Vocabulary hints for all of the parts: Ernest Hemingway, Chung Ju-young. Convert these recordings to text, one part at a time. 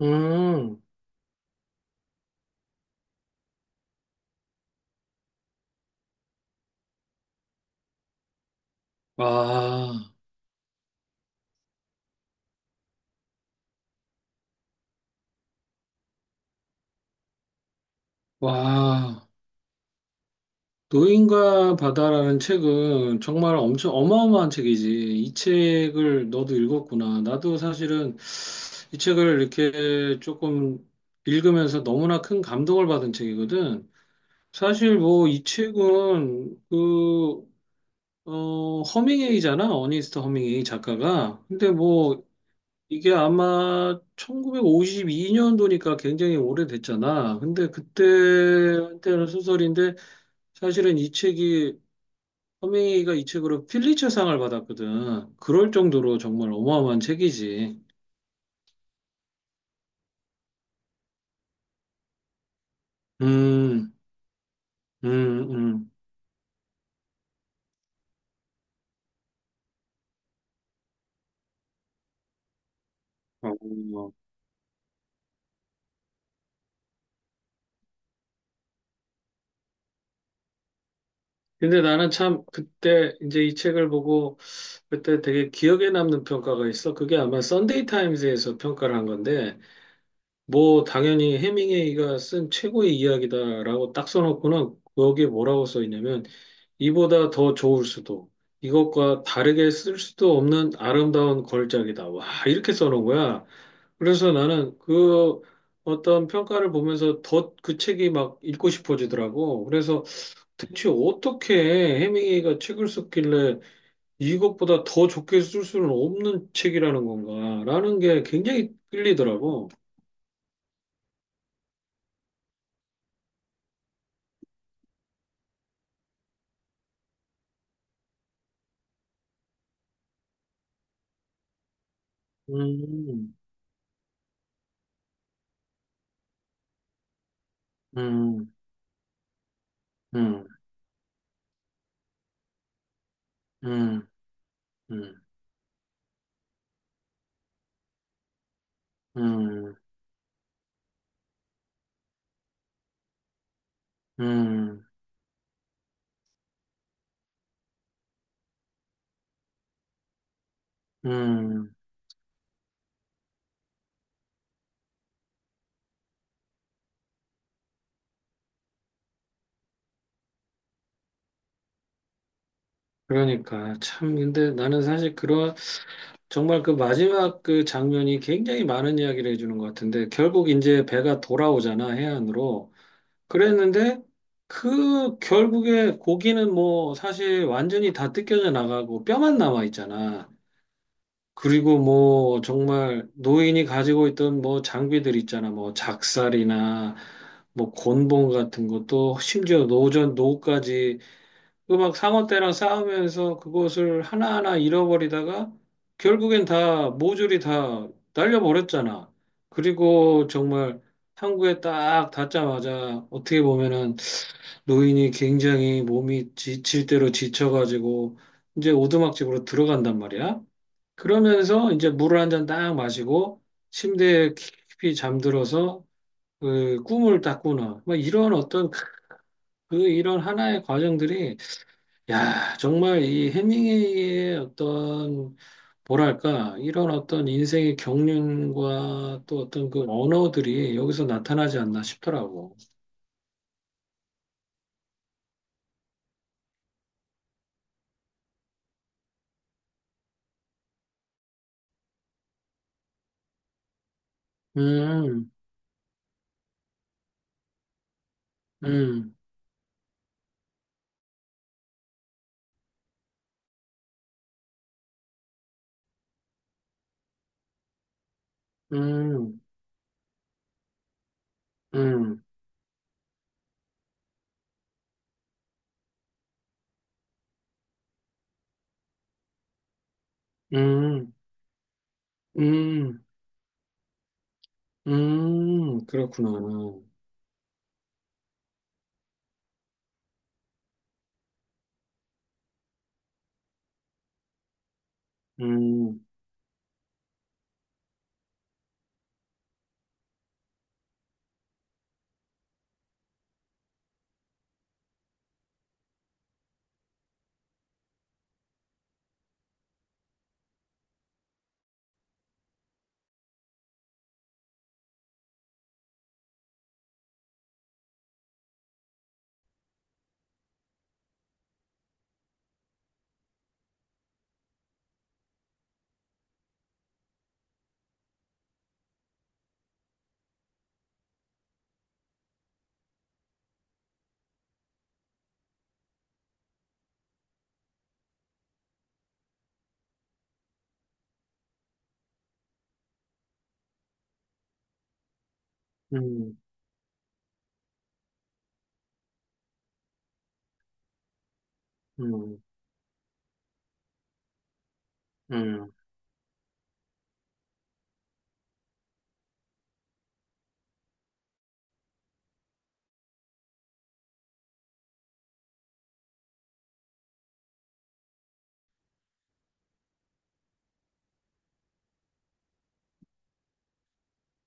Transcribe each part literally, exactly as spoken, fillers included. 음. 와. 와. 노인과 바다라는 책은 정말 엄청 어마어마한 책이지. 이 책을 너도 읽었구나. 나도 사실은 이 책을 이렇게 조금 읽으면서 너무나 큰 감동을 받은 책이거든. 사실 뭐 이 책은 그, 어, 허밍웨이잖아. 어니스트 허밍웨이 작가가. 근데 뭐 이게 아마 천구백오십이 년도니까 굉장히 오래됐잖아. 근데 그때 한때는 소설인데 사실은 이 책이 허밍웨이가 이 책으로 필리처상을 받았거든. 그럴 정도로 정말 어마어마한 책이지. 음. 음. 음. 어. 근데 나는 참 그때 이제 이 책을 보고 그때 되게 기억에 남는 평가가 있어. 그게 아마 썬데이 타임즈에서 평가를 한 건데 뭐 당연히 해밍웨이가 쓴 최고의 이야기다라고 딱 써놓고는 거기에 뭐라고 써 있냐면 이보다 더 좋을 수도 이것과 다르게 쓸 수도 없는 아름다운 걸작이다. 와 이렇게 써놓은 거야. 그래서 나는 그 어떤 평가를 보면서 더 그 책이 막 읽고 싶어지더라고. 그래서 대체 어떻게 해밍웨이가 책을 썼길래 이것보다 더 좋게 쓸 수는 없는 책이라는 건가라는 게 굉장히 끌리더라고. 음. 음. 음. 음. 음. 음. 음. 음. 그러니까 참 근데 나는 사실 그런 정말 그 마지막 그 장면이 굉장히 많은 이야기를 해주는 것 같은데 결국 이제 배가 돌아오잖아 해안으로 그랬는데 그 결국에 고기는 뭐 사실 완전히 다 뜯겨져 나가고 뼈만 남아 있잖아. 그리고 뭐 정말 노인이 가지고 있던 뭐 장비들 있잖아. 뭐 작살이나 뭐 곤봉 같은 것도 심지어 노전 노까지 음악 상어떼랑 싸우면서 그것을 하나하나 잃어버리다가 결국엔 다 모조리 다 날려버렸잖아. 그리고 정말 항구에 딱 닿자마자 어떻게 보면은 노인이 굉장히 몸이 지칠 대로 지쳐가지고 이제 오두막집으로 들어간단 말이야. 그러면서 이제 물을 한 잔 딱 마시고 침대에 깊이 잠들어서 그 꿈을 딱 꾸는 뭐 이런 어떤 그 그 이런 하나의 과정들이 야 정말 이 해밍웨이의 어떤 뭐랄까 이런 어떤 인생의 경륜과 또 어떤 그 언어들이 여기서 나타나지 않나 싶더라고. 음. 음. 음. 음. 음. 음. 음. 그렇구나. 음. 음. 음. 음.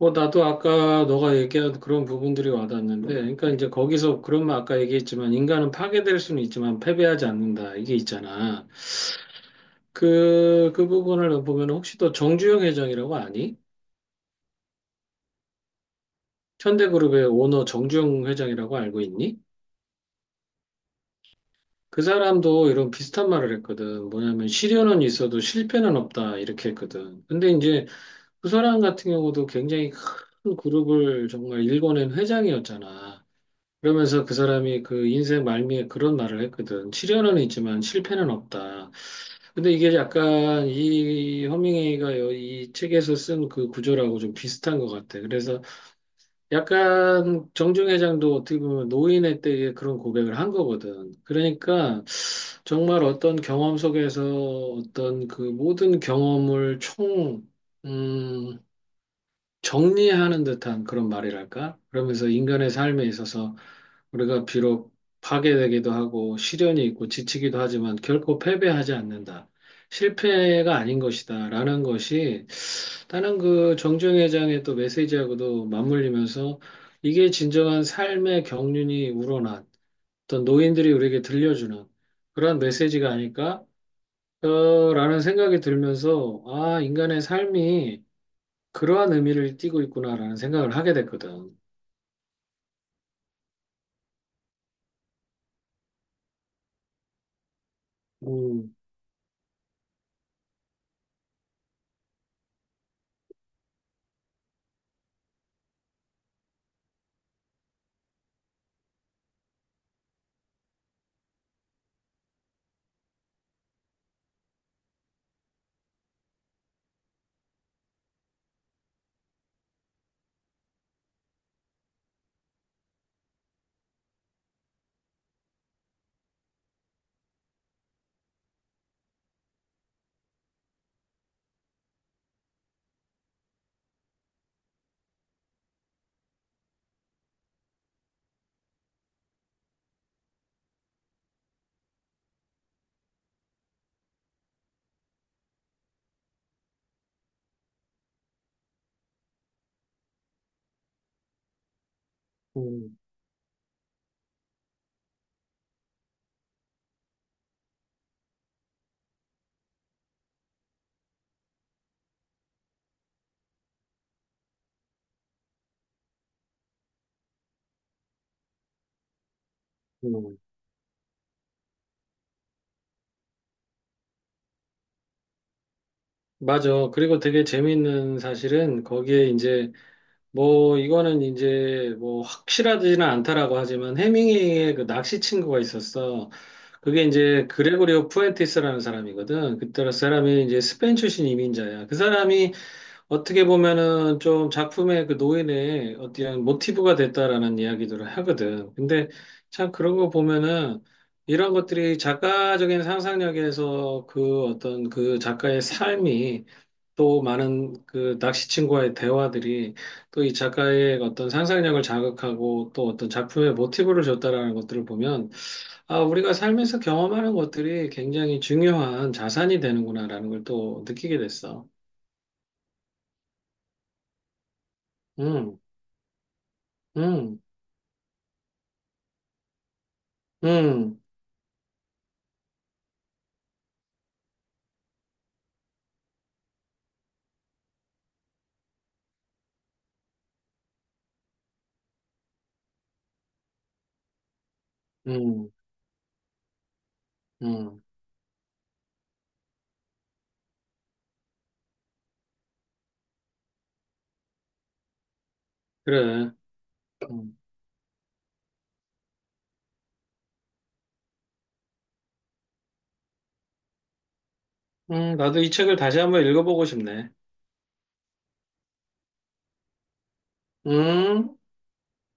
뭐 나도 아까 너가 얘기한 그런 부분들이 와닿는데, 그러니까 이제 거기서 그런 말 아까 얘기했지만 인간은 파괴될 수는 있지만 패배하지 않는다 이게 있잖아. 그 그 부분을 보면 혹시 또 정주영 회장이라고 아니? 현대그룹의 오너 정주영 회장이라고 알고 있니? 그 사람도 이런 비슷한 말을 했거든. 뭐냐면 시련은 있어도 실패는 없다 이렇게 했거든. 근데 이제 그 사람 같은 경우도 굉장히 큰 그룹을 정말 일궈낸 회장이었잖아. 그러면서 그 사람이 그 인생 말미에 그런 말을 했거든. 시련은 있지만 실패는 없다. 근데 이게 약간 이 허밍웨이가 요- 이 책에서 쓴 그 구조라고 좀 비슷한 것 같아. 그래서 약간 정중 회장도 어떻게 보면 노인의 때에 그런 고백을 한 거거든. 그러니까 정말 어떤 경험 속에서 어떤 그 모든 경험을 총, 음, 정리하는 듯한 그런 말이랄까? 그러면서 인간의 삶에 있어서 우리가 비록 파괴되기도 하고 시련이 있고 지치기도 하지만 결코 패배하지 않는다. 실패가 아닌 것이다. 라는 것이 다른 그 정주영 회장의 또 메시지하고도 맞물리면서 이게 진정한 삶의 경륜이 우러난 어떤 노인들이 우리에게 들려주는 그런 메시지가 아닐까? 어, 라는 생각이 들면서 아, 인간의 삶이 그러한 의미를 띠고 있구나라는 생각을 하게 됐거든. 음. 음. 음. 맞아. 그리고 되게 재미있는 사실은 거기에 이제 뭐 이거는 이제 뭐 확실하지는 않다라고 하지만 해밍웨이의 그 낚시 친구가 있었어. 그게 이제 그레고리오 푸엔티스라는 사람이거든. 그때 사람이 이제 스페인 출신 이민자야. 그 사람이 어떻게 보면은 좀 작품의 그 노인의 어떤 모티브가 됐다라는 이야기들을 하거든. 근데 참 그런 거 보면은 이런 것들이 작가적인 상상력에서 그 어떤 그 작가의 삶이 또 많은 그 낚시친구와의 대화들이 또 이 작가의 어떤 상상력을 자극하고 또 어떤 작품의 모티브를 줬다라는 것들을 보면 아, 우리가 삶에서 경험하는 것들이 굉장히 중요한 자산이 되는구나라는 걸 또 느끼게 됐어. 음. 음. 음. 음. 음. 그래. 음. 음. 나도 이 책을 다시 한번 읽어보고 싶네. 음.